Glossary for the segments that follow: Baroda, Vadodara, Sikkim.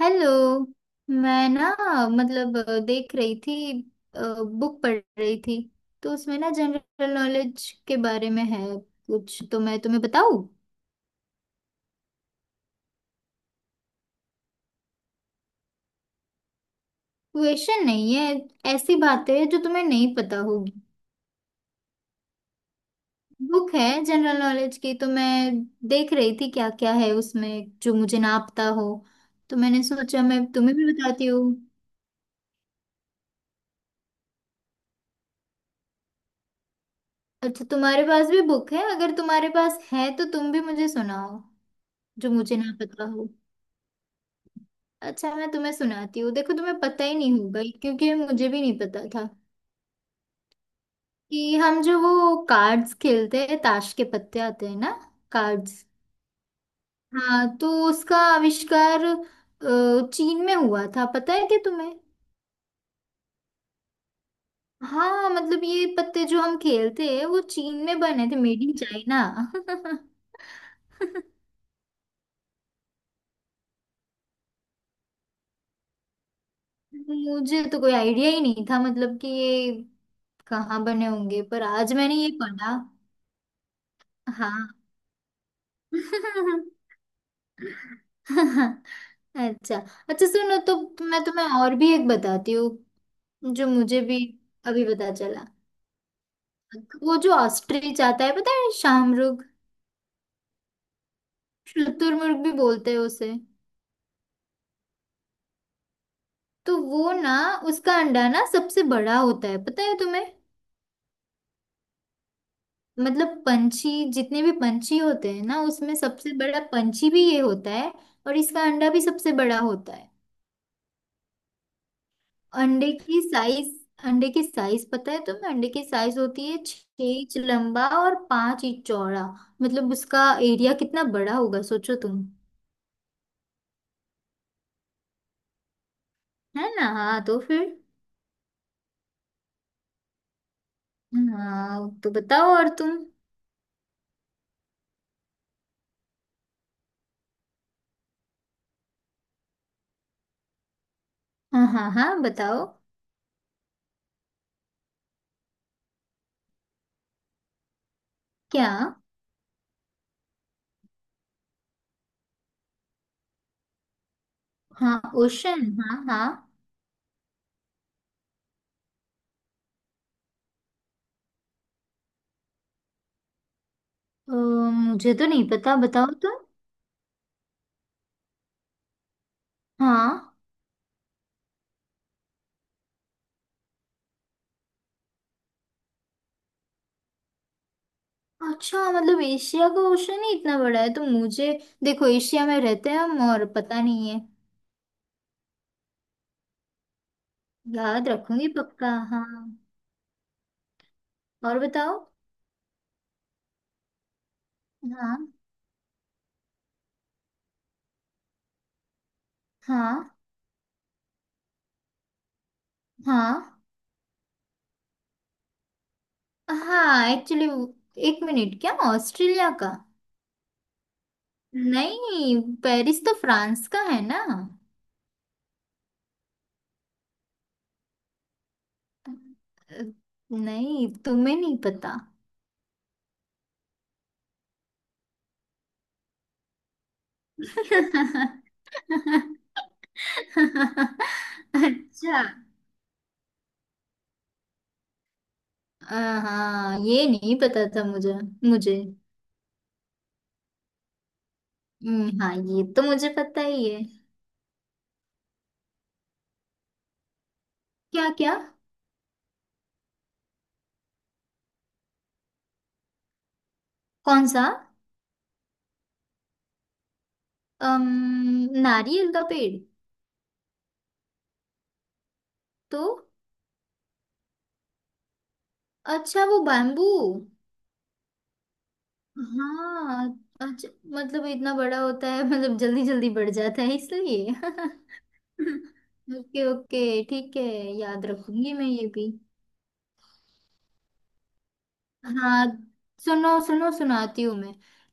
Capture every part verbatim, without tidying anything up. Hello. मैं ना मतलब अ, देख रही थी। बुक पढ़ रही थी तो उसमें ना जनरल नॉलेज के बारे में है। कुछ तो मैं तुम्हें बताऊं। क्वेश्चन नहीं है। ऐसी बातें हैं जो तुम्हें नहीं पता होगी। बुक है जनरल नॉलेज की, तो मैं देख रही थी क्या क्या है उसमें जो मुझे ना पता हो। तो मैंने सोचा मैं तुम्हें भी बताती हूँ। अच्छा, तुम्हारे पास भी बुक है? अगर तुम्हारे पास है तो तुम भी मुझे सुनाओ जो मुझे ना पता हो। अच्छा, मैं तुम्हें सुनाती हूँ। देखो, तुम्हें पता ही नहीं होगा क्योंकि मुझे भी नहीं पता था कि हम जो वो कार्ड्स खेलते हैं, ताश के पत्ते आते हैं ना। कार्ड्स। हाँ, तो उसका आविष्कार अ, चीन में हुआ था। पता है क्या तुम्हें? हाँ, मतलब ये पत्ते जो हम खेलते हैं वो चीन में बने थे। Made in China. मुझे तो कोई आइडिया ही नहीं था मतलब कि ये कहाँ बने होंगे, पर आज मैंने ये पढ़ा। हाँ। अच्छा, अच्छा, सुनो तो, मैं तुम्हें और भी एक बताती हूँ जो मुझे भी अभी पता चला। वो जो ऑस्ट्रिच आता है, पता है, शाहमृग। शुतुरमुर्ग भी बोलते हैं उसे। तो वो ना, उसका अंडा ना सबसे बड़ा होता है, पता है तुम्हें? मतलब पंछी, जितने भी पंछी होते हैं ना, उसमें सबसे बड़ा पंछी भी ये होता है। और इसका अंडा भी सबसे बड़ा होता है। अंडे की साइज। अंडे की साइज पता है तुम्हें? अंडे की साइज होती है छह इंच लंबा और पांच इंच चौड़ा। मतलब उसका एरिया कितना बड़ा होगा सोचो तुम। है ना? हाँ, तो फिर हाँ, तो बताओ और तुम। हाँ, हाँ, हाँ, बताओ। क्या? हाँ, ओशन, हाँ, हाँ। अ, मुझे तो नहीं पता, बताओ तुम। हाँ। अच्छा, मतलब एशिया का ओशन ही इतना बड़ा है? तो मुझे देखो, एशिया में रहते हैं हम और पता नहीं है। याद रखूंगी पक्का, हाँ। और बताओ। हाँ, हाँ, हाँ, हाँ, एक्चुअली एक मिनट, क्या ऑस्ट्रेलिया का? नहीं, पेरिस तो फ्रांस का है ना। अ, नहीं, तुम्हें नहीं पता? अच्छा। अ, हाँ, ये नहीं पता था मुझे मुझे हम्म, हाँ, ये तो मुझे पता ही है। क्या? क्या? कौन सा? अम, नारियल का पेड़। तो? अच्छा, वो बैम्बू। हाँ। अच्छा, मतलब इतना बड़ा होता है मतलब जल्दी जल्दी बढ़ जाता है इसलिए। ओके, ओके, ठीक है। याद रखूंगी मैं ये भी। हाँ, सुनो, सुनो, सुनाती हूँ मैं।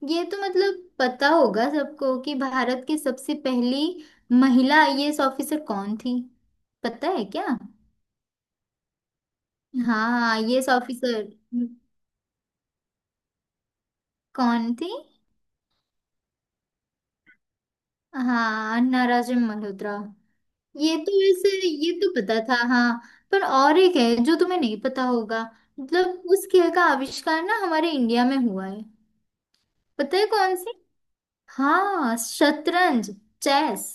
ये तो मतलब पता होगा सबको कि भारत की सबसे पहली महिला आईएएस ऑफिसर कौन थी। पता है क्या? हाँ, आईएएस ऑफिसर। कौन थी? हाँ, नाराजन मल्होत्रा। ये तो वैसे ये तो पता था, हाँ। पर और एक है जो तुम्हें नहीं पता होगा। मतलब उस खेल का आविष्कार ना हमारे इंडिया में हुआ है। पता है कौन सी? हाँ, शतरंज। चेस।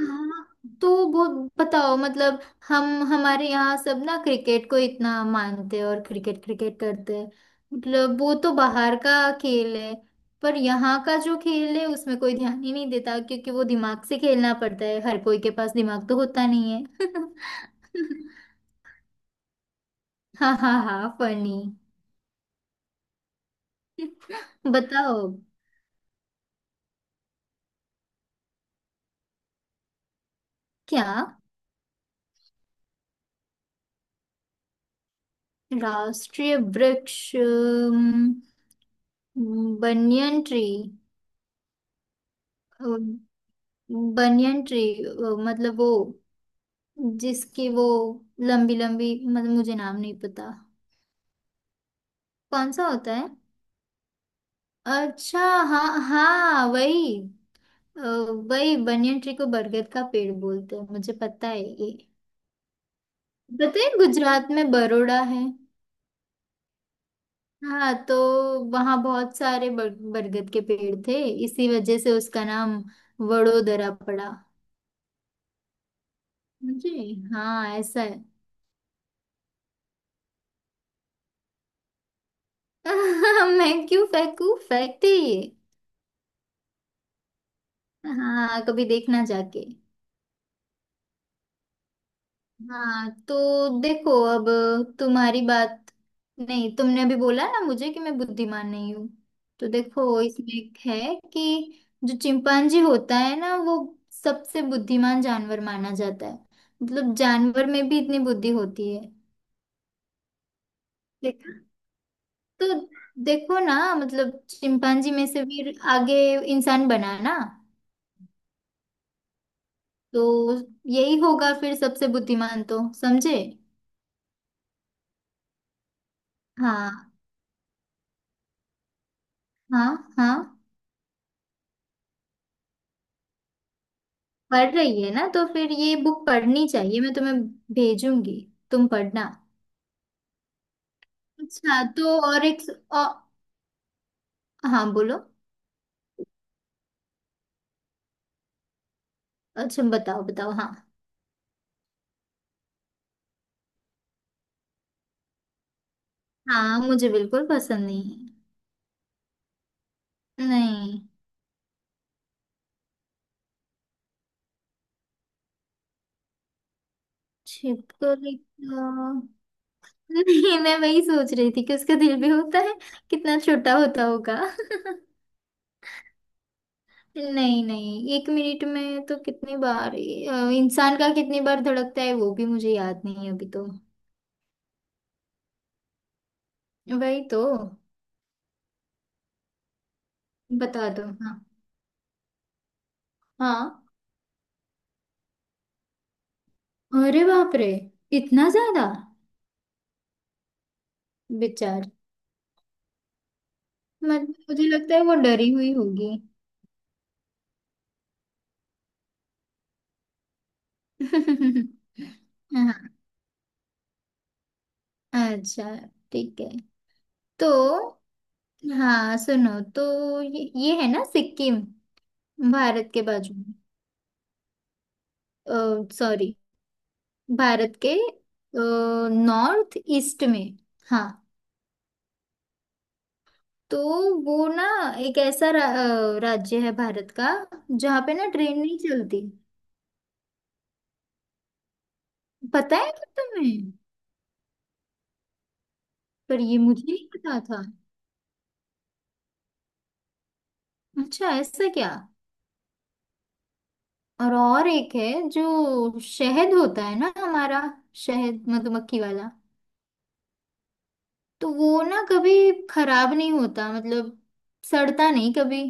हाँ, तो बहुत बताओ मतलब। हम, हमारे यहाँ सब ना क्रिकेट को इतना मानते हैं और क्रिकेट क्रिकेट करते हैं। मतलब वो तो बाहर का खेल है। पर यहाँ का जो खेल है उसमें कोई ध्यान ही नहीं देता, क्योंकि वो दिमाग से खेलना पड़ता है। हर कोई के पास दिमाग तो होता नहीं है। हाँ, हाँ, हाँ, फनी। बताओ। क्या? राष्ट्रीय वृक्ष? अम, बनियन ट्री। Banyan tree. मतलब वो, जिसकी वो लंबी लंबी, मतलब मुझे नाम नहीं पता। कौन सा होता है? अच्छा। हाँ, हाँ, वही। अ, वही बनियन ट्री को बरगद का पेड़ बोलते हैं, मुझे पता है ये। पता है गुजरात में बरोड़ा है? हाँ, तो वहाँ बहुत सारे बर, बरगद के पेड़ थे। इसी वजह से उसका नाम वडोदरा पड़ा। जी हाँ, ऐसा है। मैं क्यों फेंकू, फेंकते ही है। हाँ, कभी देखना जाके। हाँ, तो देखो अब तुम्हारी बात। नहीं, तुमने अभी बोला ना मुझे कि मैं बुद्धिमान नहीं हूँ। तो देखो, इसमें एक है कि जो चिंपांजी होता है ना वो सबसे बुद्धिमान जानवर माना जाता है। मतलब जानवर में भी इतनी बुद्धि होती है। देखा? तो देखो ना, मतलब चिंपांजी में से फिर आगे इंसान बना ना। तो यही होगा फिर सबसे बुद्धिमान, तो समझे। हाँ, हाँ, हाँ। पढ़ रही है ना, तो फिर ये बुक पढ़नी चाहिए, मैं तुम्हें भेजूंगी, तुम पढ़ना। अच्छा, तो और एक अ, हाँ, बोलो। अच्छा, बताओ, बताओ, हाँ। हाँ, मुझे बिल्कुल पसंद नहीं है नहीं। छिपकली तो। नहीं, मैं वही सोच रही थी कि उसका दिल भी होता है, कितना छोटा होता होगा। नहीं, नहीं, एक मिनट में तो कितनी बार, अ, इंसान का कितनी बार धड़कता है वो भी मुझे याद नहीं है अभी तो। वही तो। बता दो, हाँ। हाँ, अरे बाप रे, इतना ज्यादा। बेचारा। मत, मुझे लगता है वो डरी हुई होगी। हाँ। अच्छा, ठीक है। तो हाँ, सुनो तो, ये, ये है ना सिक्किम, भारत के बाजू में, सॉरी, भारत के नॉर्थ ईस्ट में। हाँ, तो वो ना एक ऐसा रा, अ, राज्य है भारत का जहाँ पे ना ट्रेन नहीं चलती। पता है क्या तुम्हें? पर ये मुझे नहीं पता था। अच्छा, ऐसा क्या। और और एक है जो शहद होता है ना, हमारा शहद, मधुमक्खी वाला। तो वो ना कभी खराब नहीं होता, मतलब सड़ता नहीं कभी।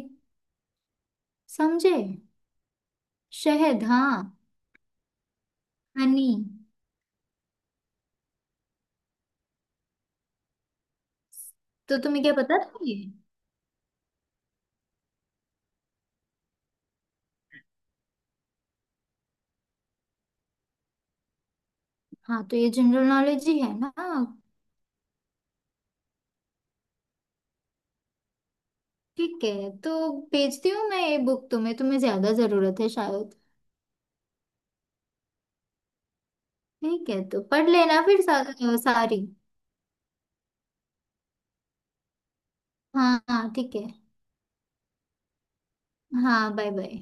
समझे? शहद, हाँ। हनी। तो तुम्हें क्या पता था ये? हाँ, तो ये जनरल नॉलेज ही है ना। ठीक है, तो भेजती हूँ मैं ये बुक तुम्हें। तुम्हें ज्यादा जरूरत है शायद। ठीक है, तो पढ़ लेना फिर सा, सारी। हाँ, हाँ, ठीक है। हाँ, बाय बाय।